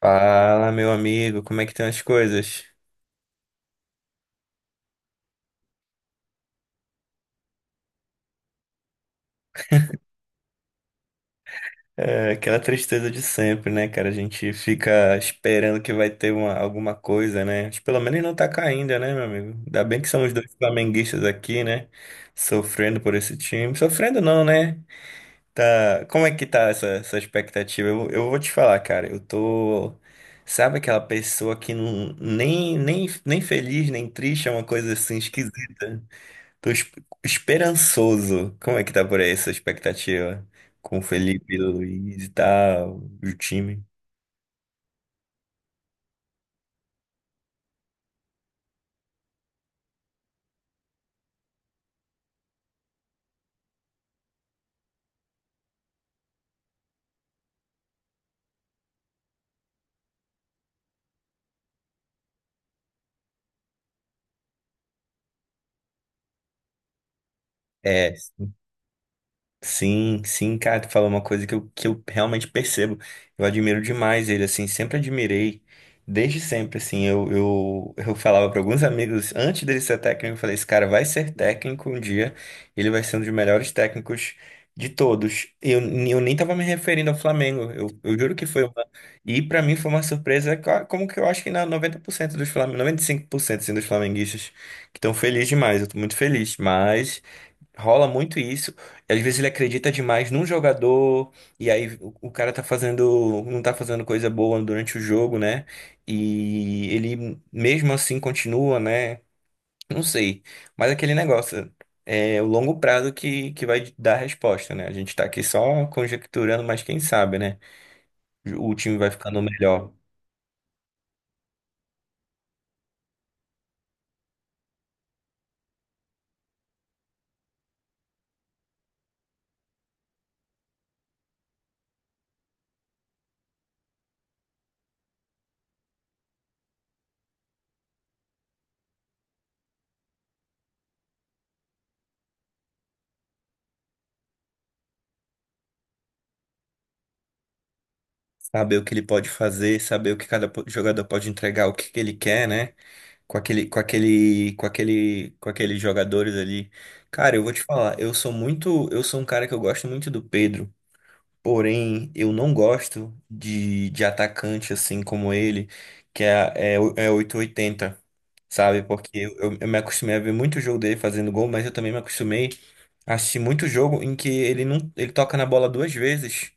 Fala, meu amigo, como é que estão as coisas? É aquela tristeza de sempre, né, cara? A gente fica esperando que vai ter alguma coisa, né? Mas pelo menos não tá caindo, né, meu amigo? Ainda bem que são os dois flamenguistas aqui, né? Sofrendo por esse time. Sofrendo não, né? Tá... Como é que tá essa expectativa? Eu vou te falar, cara, eu tô... Sabe aquela pessoa que nem feliz, nem triste, é uma coisa assim esquisita. Tô es- Esperançoso. Como é que tá por aí essa expectativa? Com o Felipe Luiz e tal, o time? É. Sim, sim, cara, tu falou uma coisa que eu realmente percebo. Eu admiro demais ele, assim, sempre admirei, desde sempre, assim. Eu falava para alguns amigos, antes dele ser técnico, eu falei: esse cara vai ser técnico um dia, ele vai ser um dos melhores técnicos de todos. Eu nem tava me referindo ao Flamengo, eu juro que foi uma. E para mim foi uma surpresa, como que eu acho que na 90% dos Flamengo, 95% assim, dos flamenguistas que estão felizes demais, eu tô muito feliz, mas. Rola muito isso. E às vezes ele acredita demais num jogador, e aí o cara tá fazendo, não tá fazendo coisa boa durante o jogo, né? E ele mesmo assim continua, né? Não sei. Mas aquele negócio é o longo prazo que vai dar a resposta, né? A gente tá aqui só conjecturando, mas quem sabe, né? O time vai ficando melhor. Saber o que ele pode fazer, saber o que jogador pode entregar, o que que ele quer, né? Com aqueles jogadores ali. Cara, eu vou te falar, eu sou muito, eu sou um cara que eu gosto muito do Pedro, porém eu não gosto de atacante assim como ele, que é, é, o- é 880, sabe? Porque eu, eu me acostumei a ver muito jogo dele fazendo gol, mas eu também me acostumei a assistir muito jogo em que ele não, ele toca na bola duas vezes.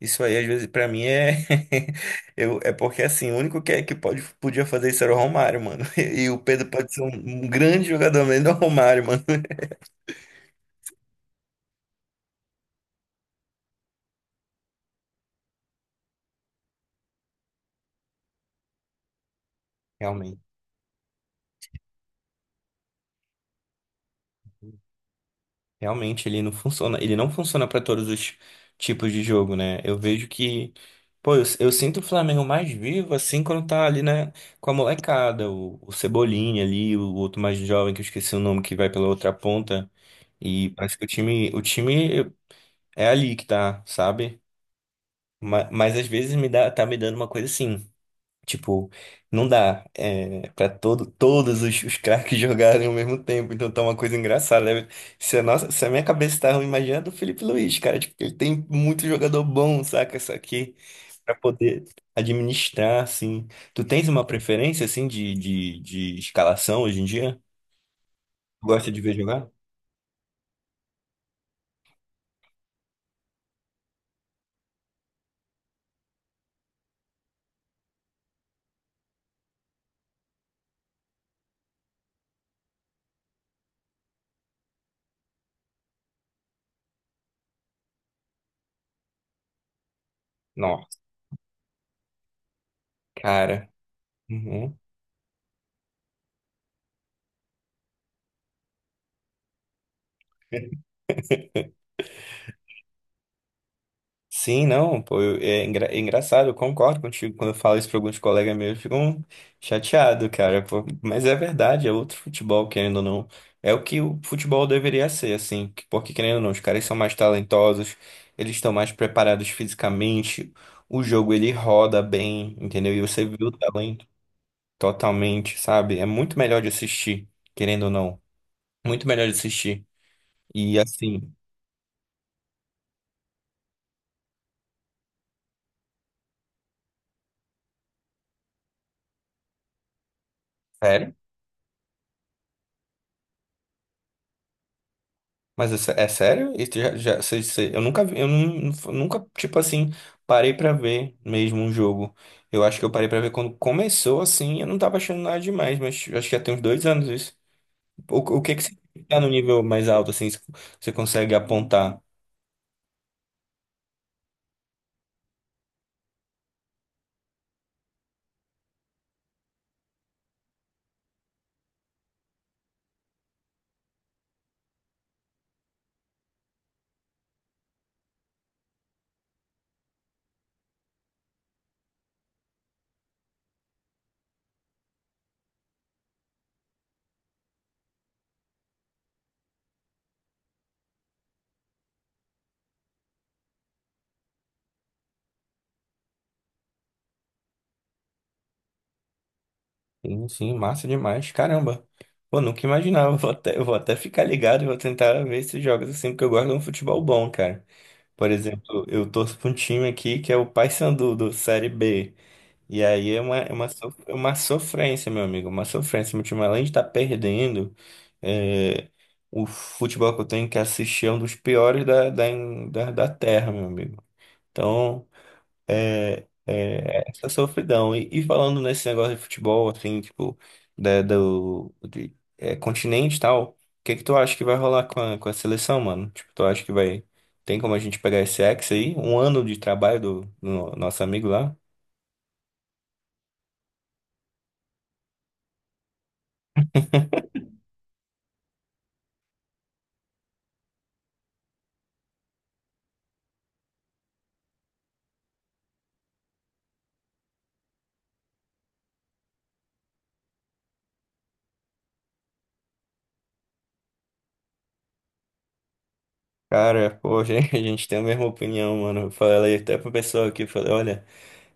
Isso aí, às vezes, pra mim é. É porque, assim, o único que pode, podia fazer isso era o Romário, mano. E o Pedro pode ser um grande jogador, mas não é o Romário, mano. Realmente. Realmente ele não funciona para todos os tipos de jogo, né? Eu vejo que, pô, eu sinto o Flamengo mais vivo assim quando tá ali, né, com a molecada, o Cebolinha ali, o outro mais jovem que eu esqueci o nome que vai pela outra ponta e parece que o time é ali que tá, sabe? Mas, às vezes me dá, tá me dando uma coisa assim. Tipo, não dá é, para todos os craques jogarem ao mesmo tempo. Então tá uma coisa engraçada, né? Se a, nossa, se a minha cabeça tá ruim, imagina a do Felipe Luiz, cara. Tipo, ele tem muito jogador bom, saca? Isso aqui, pra poder administrar, assim. Tu tens uma preferência, assim, de escalação hoje em dia? Tu gosta de ver jogar? Nossa, cara. Uhum. Sim, não, pô, é engraçado, eu concordo contigo. Quando eu falo isso para alguns colegas meus, ficam chateados, cara, pô, mas é verdade, é outro futebol, querendo ou não. É o que o futebol deveria ser, assim, porque querendo ou não, os caras são mais talentosos, eles estão mais preparados fisicamente, o jogo ele roda bem, entendeu? E você vê o talento totalmente, sabe? É muito melhor de assistir, querendo ou não, muito melhor de assistir. E assim. Sério? É sério? Eu nunca vi, nunca, tipo assim, parei pra ver mesmo um jogo. Eu acho que eu parei pra ver quando começou assim, eu não tava achando nada demais, mas acho que já tem uns dois anos isso. O que que você tá no nível mais alto, assim, você consegue apontar? Sim, sim, massa demais, caramba. Pô, nunca imaginava, eu vou até ficar ligado e vou tentar ver esses jogos assim, porque eu gosto de um futebol bom, cara. Por exemplo, eu torço pra um time aqui que é o Paysandu, do Série B. E aí é é uma sofrência, meu amigo, uma sofrência. Meu time, além de estar perdendo, é, o futebol que eu tenho que assistir é um dos piores da terra, meu amigo. Então, é, é essa sofridão. E falando nesse negócio de futebol, assim, tipo, da, do de, é, continente e tal, o que que tu acha que vai rolar com com a seleção, mano? Tipo, tu acha que vai... Tem como a gente pegar esse ex aí? Um ano de trabalho do nosso amigo lá? Cara, pô, a gente tem a mesma opinião, mano. Eu falei até pro pessoal aqui, eu falei, olha,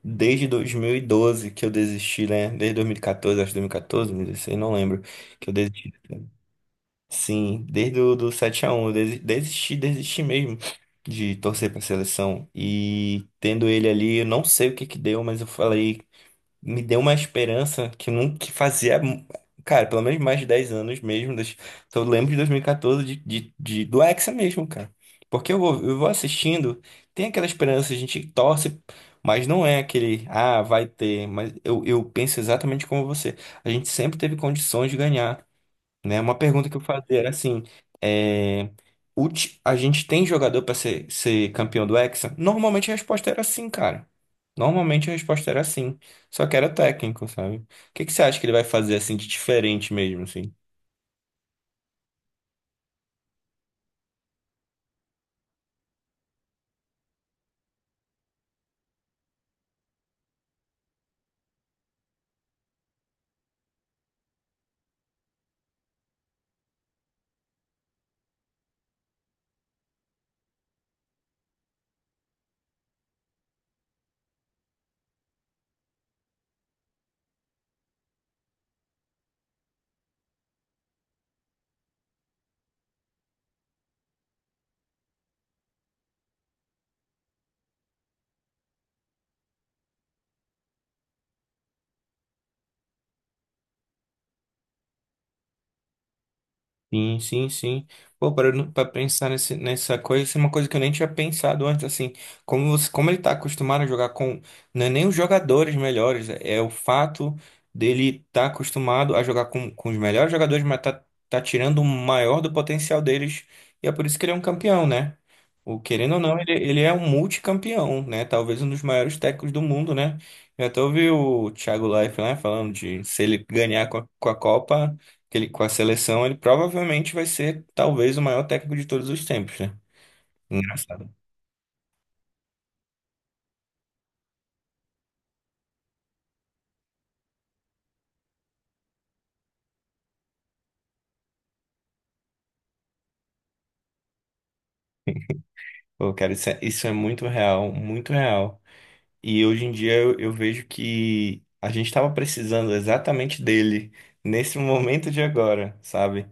desde 2012 que eu desisti, né? Desde 2014, acho que dois mil e 2016, não lembro, que eu desisti, né? Sim, desde o do 7x1, desisti, desisti mesmo de torcer pra seleção. E tendo ele ali, eu não sei o que que deu, mas eu falei, me deu uma esperança que nunca que fazia, cara, pelo menos mais de 10 anos mesmo. Das, então eu lembro de 2014 do Hexa mesmo, cara. Eu vou assistindo, tem aquela esperança, a gente torce, mas não é aquele, ah, vai ter. Eu penso exatamente como você. A gente sempre teve condições de ganhar, né? Uma pergunta que eu fazia era assim, é, a gente tem jogador para ser, ser campeão do Hexa? Normalmente a resposta era sim, cara. Normalmente a resposta era sim, só que era técnico, sabe? O que que você acha que ele vai fazer assim de diferente mesmo, assim? Sim, sim, sim. Pô, para para pensar nessa coisa, isso é uma coisa que eu nem tinha pensado antes, assim, como você, como ele tá acostumado a jogar com, não é nem os jogadores melhores, é o fato dele tá acostumado a jogar com os melhores jogadores, mas tá tirando o maior do potencial deles, e é por isso que ele é um campeão, né? O, querendo ou não, ele é um multicampeão, né? Talvez um dos maiores técnicos do mundo, né? Eu até ouvi o Thiago Leifert, né, falando de se ele ganhar com com a Copa com a seleção, ele provavelmente vai ser talvez o maior técnico de todos os tempos, né? Engraçado. Pô, cara, isso é muito real, muito real. E hoje em dia eu vejo que a gente estava precisando exatamente dele nesse momento de agora, sabe?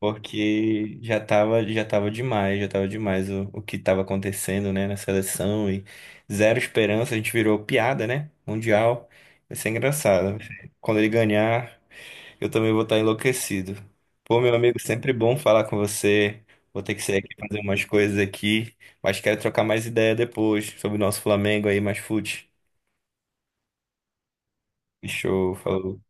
Porque já tava demais o que estava acontecendo, né, na seleção e zero esperança, a gente virou piada, né? Mundial. Vai ser engraçado. Quando ele ganhar. Eu também vou estar enlouquecido. Pô, meu amigo, sempre bom falar com você. Vou ter que sair aqui fazer umas coisas aqui, mas quero trocar mais ideia depois sobre o nosso Flamengo aí, mais fute. Show, falou.